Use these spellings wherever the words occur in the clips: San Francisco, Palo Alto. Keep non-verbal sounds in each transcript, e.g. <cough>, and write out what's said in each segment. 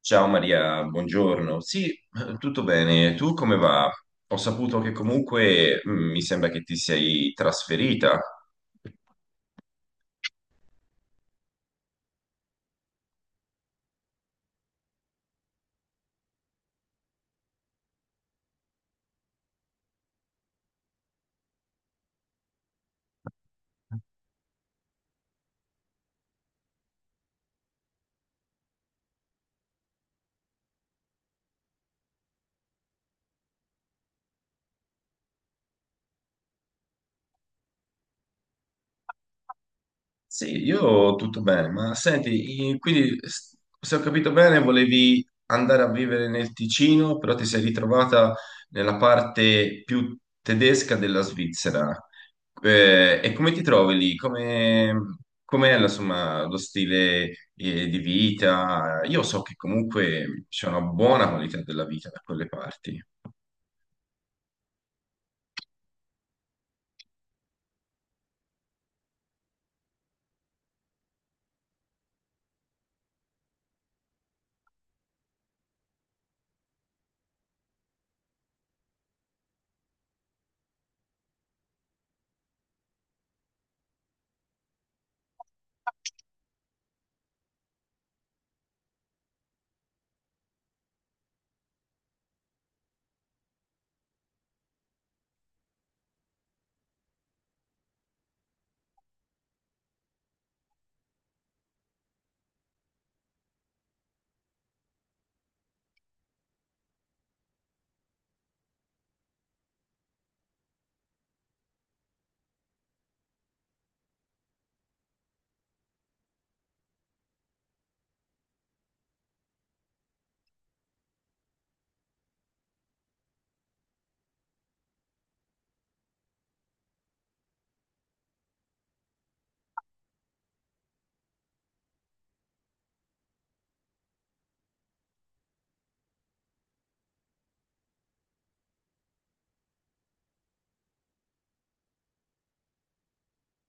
Ciao Maria, buongiorno. Sì, tutto bene. Tu come va? Ho saputo che comunque, mi sembra che ti sei trasferita. Sì, io tutto bene, ma senti, se ho capito bene, volevi andare a vivere nel Ticino, però ti sei ritrovata nella parte più tedesca della Svizzera. E come ti trovi lì? Com'è, insomma, lo stile, di vita? Io so che comunque c'è una buona qualità della vita da quelle parti.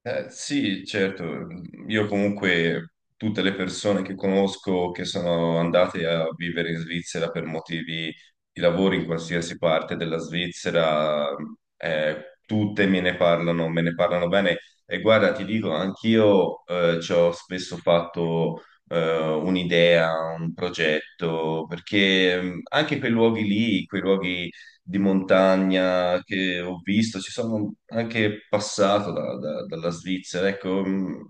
Sì, certo, io comunque tutte le persone che conosco che sono andate a vivere in Svizzera per motivi di lavoro in qualsiasi parte della Svizzera, tutte me ne parlano bene. E guarda, ti dico, anch'io ci ho spesso fatto un'idea, un progetto, perché anche quei luoghi di montagna che ho visto, ci sono anche passato dalla Svizzera, ecco,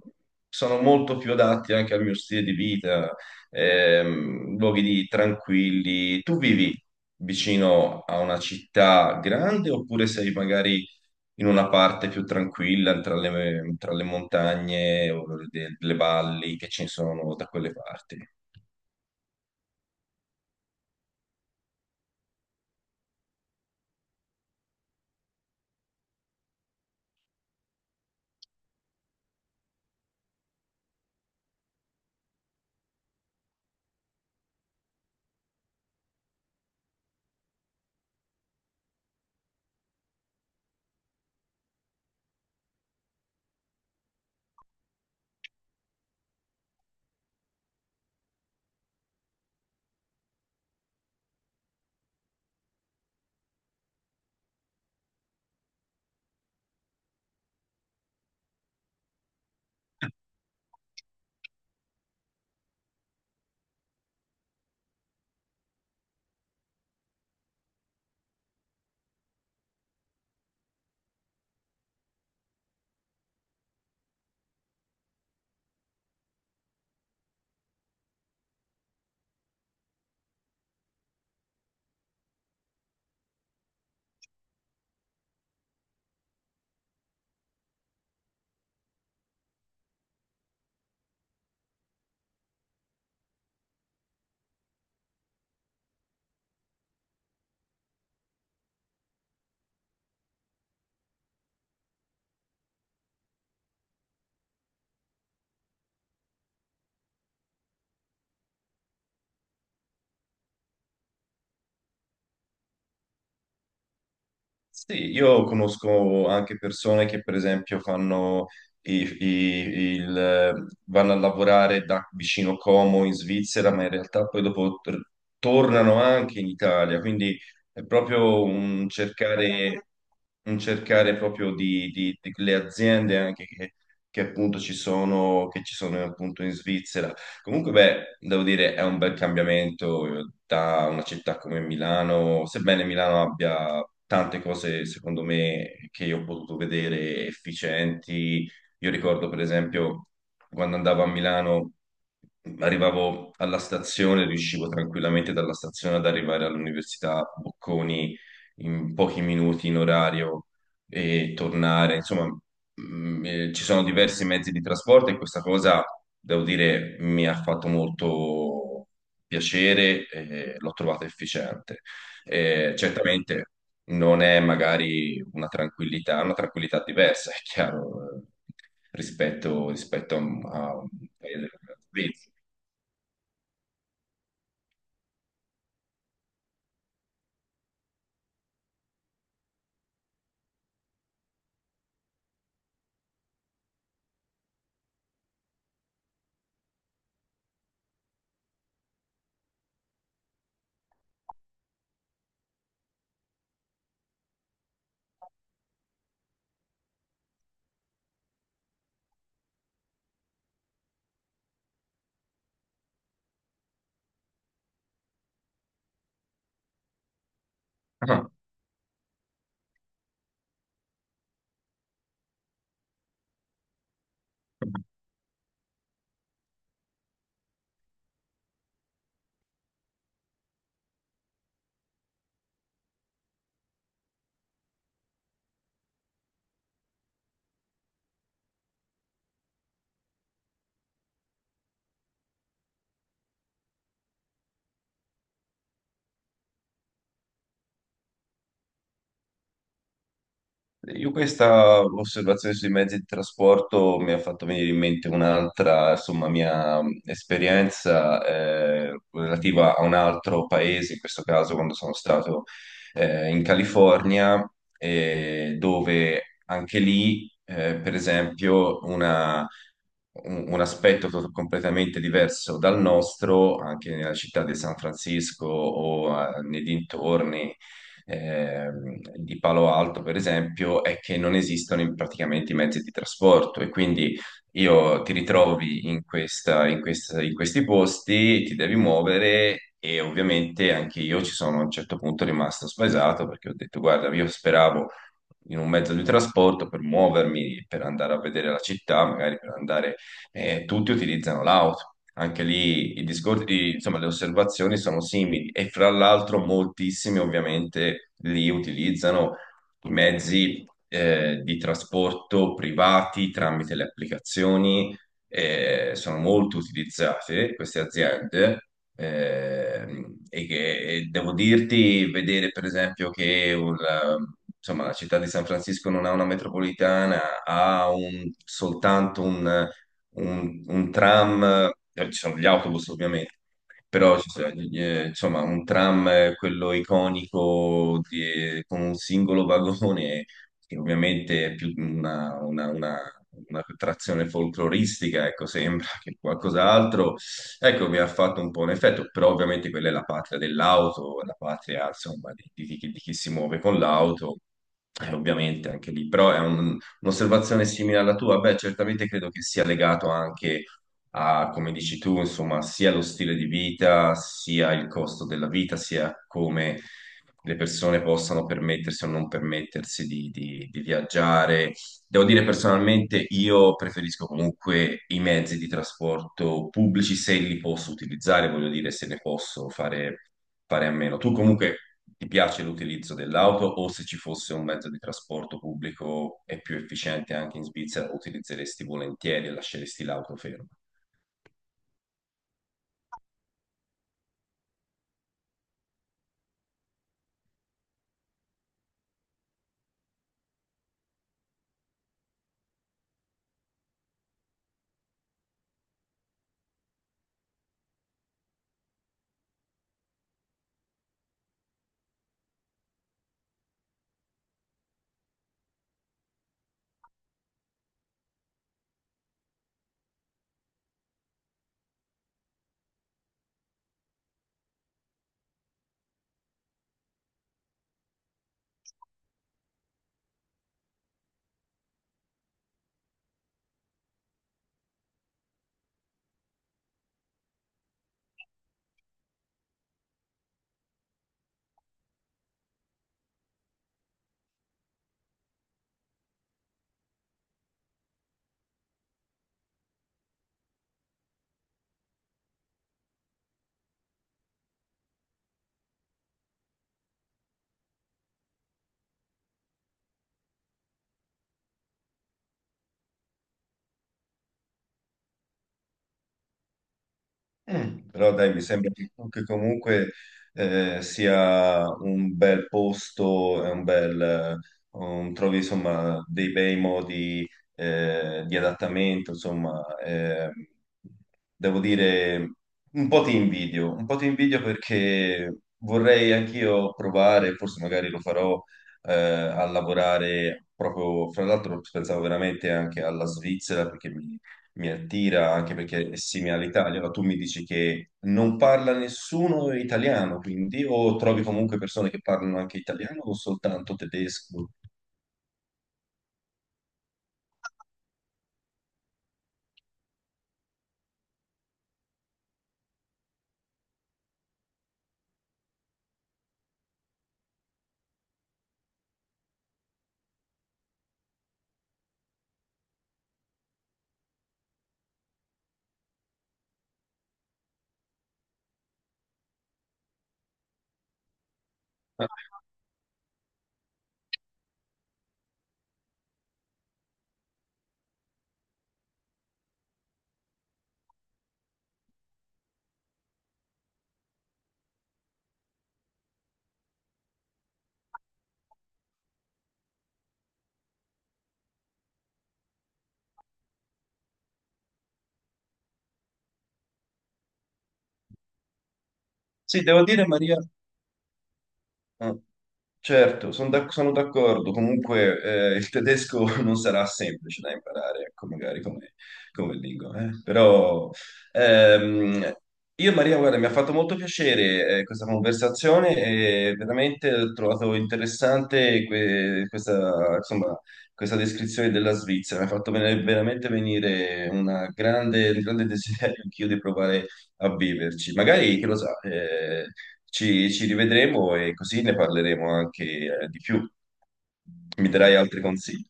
sono molto più adatti anche al mio stile di vita, tranquilli. Tu vivi vicino a una città grande oppure sei magari in una parte più tranquilla tra le montagne o le valli che ci sono da quelle parti? Sì, io conosco anche persone che per esempio fanno vanno a lavorare da vicino Como in Svizzera, ma in realtà poi dopo tornano anche in Italia, quindi è proprio un cercare proprio di, le aziende anche che appunto ci sono, che ci sono appunto in Svizzera. Comunque, beh, devo dire, è un bel cambiamento da una città come Milano, sebbene Milano abbia tante cose, secondo me, che io ho potuto vedere efficienti. Io ricordo, per esempio, quando andavo a Milano, arrivavo alla stazione, riuscivo tranquillamente dalla stazione ad arrivare all'Università Bocconi in pochi minuti in orario e tornare, insomma. Mm, ci sono diversi mezzi di trasporto e questa cosa, devo dire, mi ha fatto molto piacere e l'ho trovata efficiente. Certamente non è magari una tranquillità diversa, <laughs> è chiaro, rispetto a un paese. Io questa osservazione sui mezzi di trasporto mi ha fatto venire in mente un'altra, insomma, mia esperienza relativa a un altro paese, in questo caso quando sono stato in California, dove anche lì, per esempio, un aspetto completamente diverso dal nostro, anche nella città di San Francisco o nei dintorni di Palo Alto, per esempio, è che non esistono praticamente i mezzi di trasporto e quindi io ti ritrovi in questi posti, ti devi muovere. E ovviamente anche io ci sono a un certo punto rimasto spaesato perché ho detto, guarda, io speravo in un mezzo di trasporto per muovermi, per andare a vedere la città, magari per andare, tutti utilizzano l'auto. Anche lì insomma, le osservazioni sono simili e fra l'altro moltissimi ovviamente li utilizzano i mezzi di trasporto privati tramite le applicazioni, sono molto utilizzate queste aziende e devo dirti, vedere per esempio che insomma, la città di San Francisco non ha una metropolitana, ha soltanto un tram, ci sono gli autobus ovviamente, però ci sono, insomma un tram, quello iconico con un singolo <laughs> vagone, che ovviamente è più una trazione folcloristica, ecco, sembra che qualcos'altro, ecco, mi ha fatto un po' un effetto, però ovviamente quella è la patria dell'auto, la patria, insomma, di, di chi si muove con l'auto. Ovviamente anche lì, però un'osservazione simile alla tua? Beh, certamente credo che sia legato anche a, come dici tu, insomma, sia lo stile di vita, sia il costo della vita, sia come le persone possano permettersi o non permettersi di, di viaggiare. Devo dire personalmente, io preferisco comunque i mezzi di trasporto pubblici se li posso utilizzare, voglio dire, se ne posso fare a meno. Tu comunque ti piace l'utilizzo dell'auto o se ci fosse un mezzo di trasporto pubblico e più efficiente anche in Svizzera, utilizzeresti volentieri e lasceresti l'auto ferma? Mm. Però dai, mi sembra che comunque sia un bel posto, è un bel, trovi insomma dei bei modi di adattamento, insomma, devo dire un po' ti invidio perché vorrei anch'io provare, forse magari lo farò a lavorare proprio, fra l'altro pensavo veramente anche alla Svizzera perché mi attira anche perché è simile all'Italia, ma tu mi dici che non parla nessuno italiano, quindi o trovi comunque persone che parlano anche italiano o soltanto tedesco? Ah, sì, devo dire, Maria, ah, certo, sono d'accordo. Comunque, il tedesco <laughs> non sarà semplice da imparare, ecco, come lingua. Eh. Però, ehm, io, Maria, guarda, mi ha fatto molto piacere, questa conversazione e veramente ho trovato interessante questa, insomma, questa descrizione della Svizzera. Mi ha fatto veramente venire un grande desiderio anch'io di provare a viverci. Magari, chi lo sa, ci rivedremo e così ne parleremo anche di più. Mi darai altri consigli.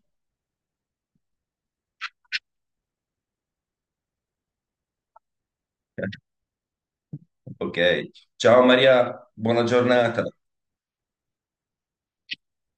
<laughs> Ok. Ciao Maria, buona giornata.